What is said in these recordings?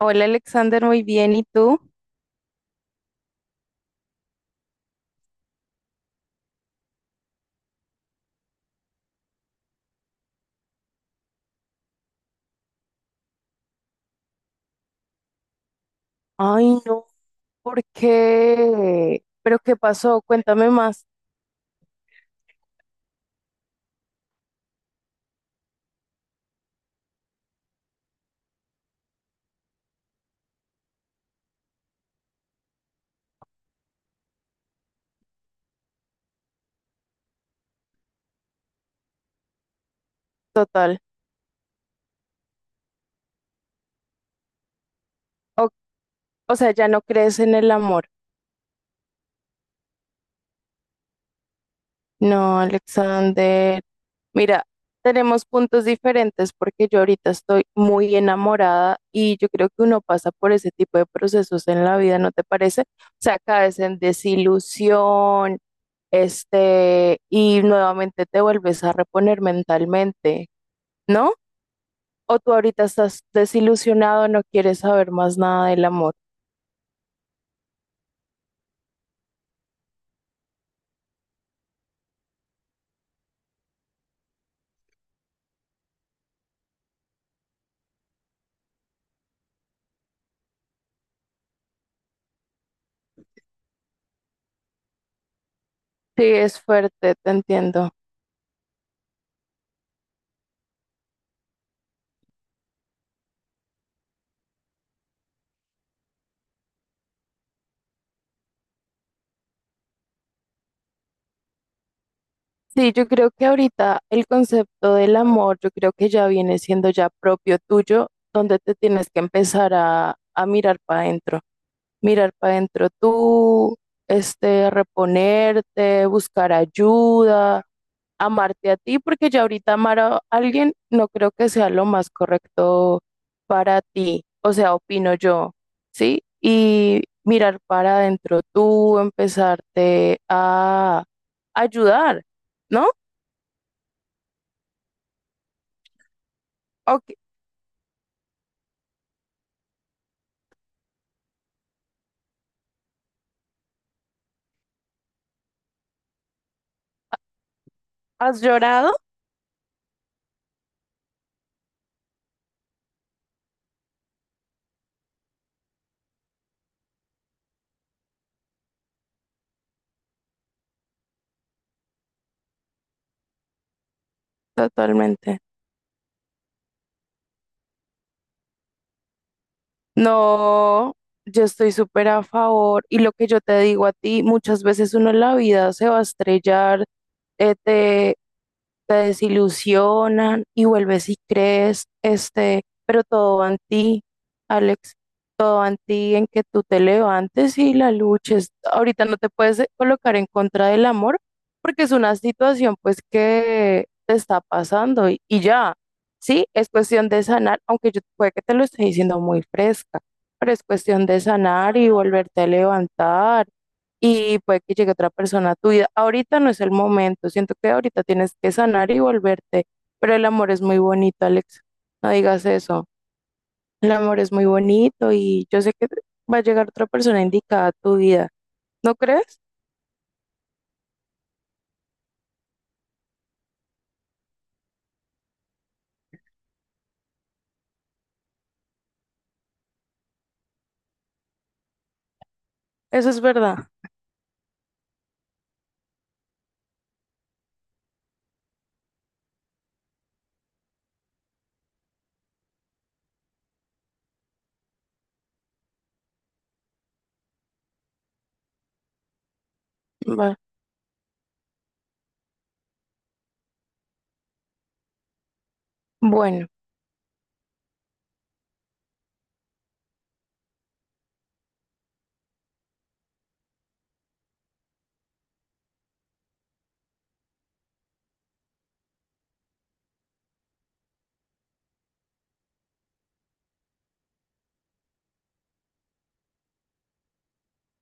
Hola Alexander, muy bien. ¿Y tú? Ay, no, ¿por qué? ¿Pero qué pasó? Cuéntame más, total. O, o sea, ya no crees en el amor. No, Alexander. Mira, tenemos puntos diferentes porque yo ahorita estoy muy enamorada y yo creo que uno pasa por ese tipo de procesos en la vida, ¿no te parece? O sea, caes en desilusión, este, y nuevamente te vuelves a reponer mentalmente, ¿no? O tú ahorita estás desilusionado, no quieres saber más nada del amor. Sí, es fuerte, te entiendo. Sí, yo creo que ahorita el concepto del amor, yo creo que ya viene siendo ya propio tuyo, donde te tienes que empezar a mirar para adentro tú, este, reponerte, buscar ayuda, amarte a ti, porque ya ahorita amar a alguien no creo que sea lo más correcto para ti, o sea, opino yo, ¿sí? Y mirar para adentro tú, empezarte a ayudar, ¿no? ¿O qué- ¿Has llorado? Totalmente. No, yo estoy súper a favor. Y lo que yo te digo a ti, muchas veces uno en la vida se va a estrellar, eh, te, te desilusionan y vuelves y crees, este, pero todo va en ti, Alex, todo va en ti, en que tú te levantes y la luches. Ahorita no te puedes colocar en contra del amor porque es una situación pues que te está pasando y ya. Sí, es cuestión de sanar, aunque yo puede que te lo esté diciendo muy fresca, pero es cuestión de sanar y volverte a levantar y puede que llegue otra persona a tu vida. Ahorita no es el momento, siento que ahorita tienes que sanar y volverte, pero el amor es muy bonito, Alex, no digas eso. El amor es muy bonito y yo sé que va a llegar otra persona indicada a tu vida, ¿no crees? Eso es verdad. Va- Bueno.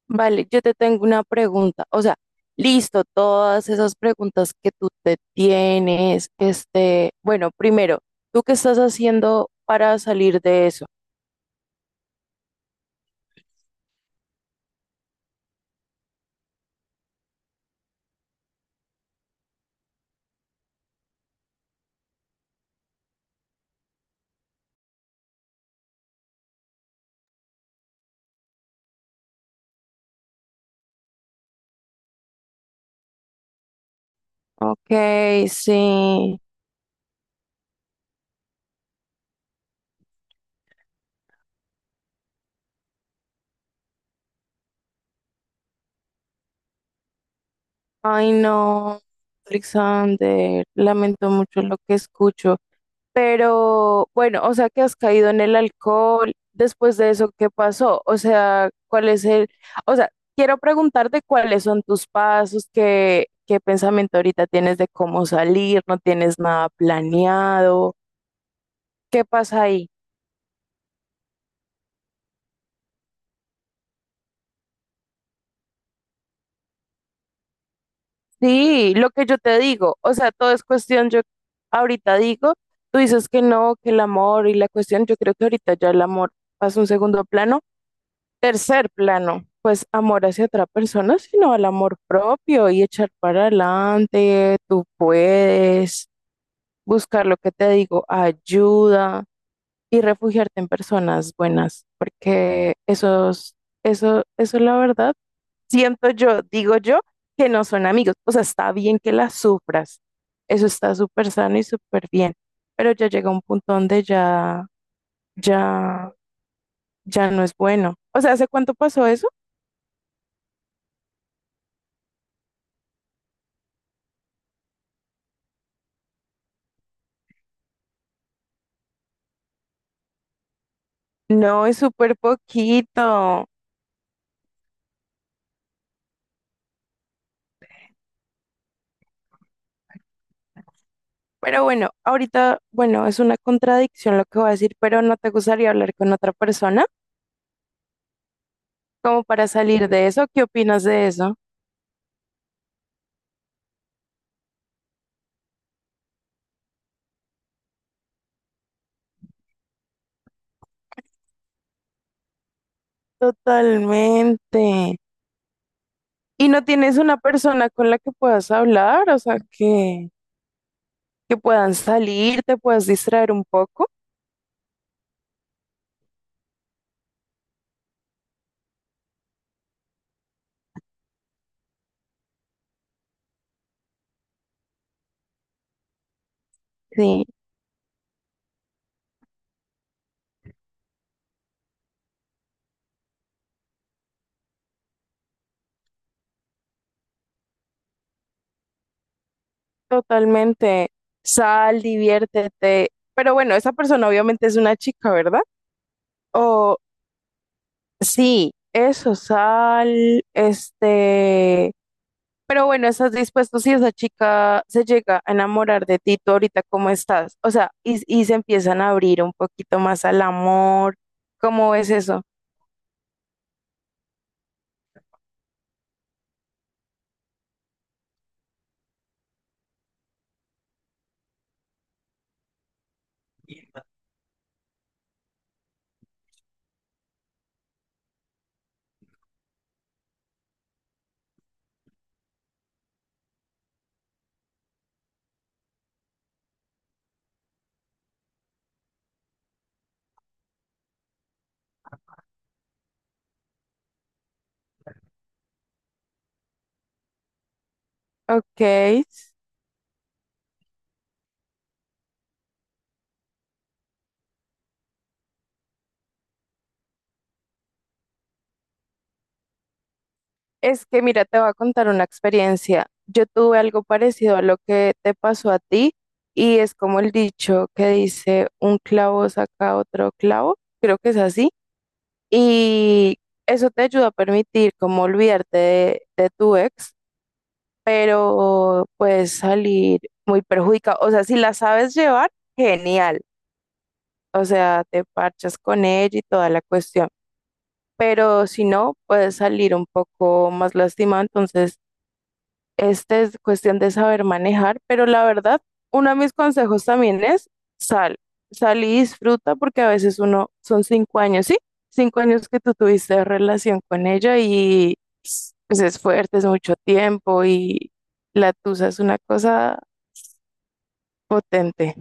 Vale, yo te tengo una pregunta. O sea, listo, todas esas preguntas que tú te tienes, este, bueno, primero, ¿tú qué estás haciendo para salir de eso? Ok, sí. Ay, no, Alexander, lamento mucho lo que escucho. Pero bueno, o sea, que has caído en el alcohol. Después de eso, ¿qué pasó? O sea, ¿cuál es el, o sea, quiero preguntarte cuáles son tus pasos, qué pensamiento ahorita tienes de cómo salir, no tienes nada planeado, ¿qué pasa ahí? Sí, lo que yo te digo, o sea, todo es cuestión, yo ahorita digo, tú dices que no, que el amor y la cuestión, yo creo que ahorita ya el amor pasa a un segundo plano. Tercer plano, pues amor hacia otra persona, sino al amor propio y echar para adelante, tú puedes buscar lo que te digo, ayuda y refugiarte en personas buenas, porque esos, eso la verdad, siento yo, digo yo, que no son amigos. O sea, está bien que las sufras, eso está súper sano y súper bien, pero ya llega un punto donde ya, ya no es bueno. O sea, ¿hace cuánto pasó eso? No, es súper poquito. Pero bueno, ahorita, bueno, es una contradicción lo que voy a decir, pero ¿no te gustaría hablar con otra persona? Como para salir de eso, ¿qué opinas de eso? Totalmente. ¿Y no tienes una persona con la que puedas hablar? O sea, que puedan salir, te puedas distraer un poco. Sí, totalmente. Sal, diviértete. Pero bueno, esa persona obviamente es una chica, ¿verdad? Sí, eso, sal, este, pero bueno, estás dispuesto si esa chica se llega a enamorar de ti, tú ahorita cómo estás, o sea, y se empiezan a abrir un poquito más al amor, ¿cómo ves eso? Ok, es que mira, te voy a contar una experiencia, yo tuve algo parecido a lo que te pasó a ti y es como el dicho que dice, un clavo saca otro clavo, creo que es así. Y eso te ayuda a permitir como olvidarte de tu ex, pero puedes salir muy perjudicado. O sea, si la sabes llevar, genial. O sea, te parchas con ella y toda la cuestión. Pero si no, puedes salir un poco más lastimado. Entonces, este es cuestión de saber manejar, pero la verdad, uno de mis consejos también es sal, sal y disfruta porque a veces uno son 5 años, ¿sí? 5 años que tú tuviste relación con ella y pues, es fuerte, es mucho tiempo y la tusa es una cosa potente.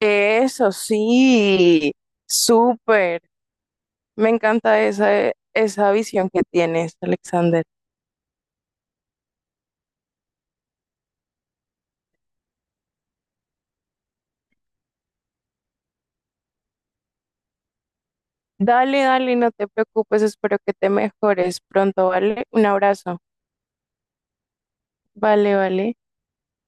Eso sí, súper. Me encanta esa visión que tienes, Alexander. Dale, dale, no te preocupes, espero que te mejores pronto, ¿vale? Un abrazo. Vale, vale.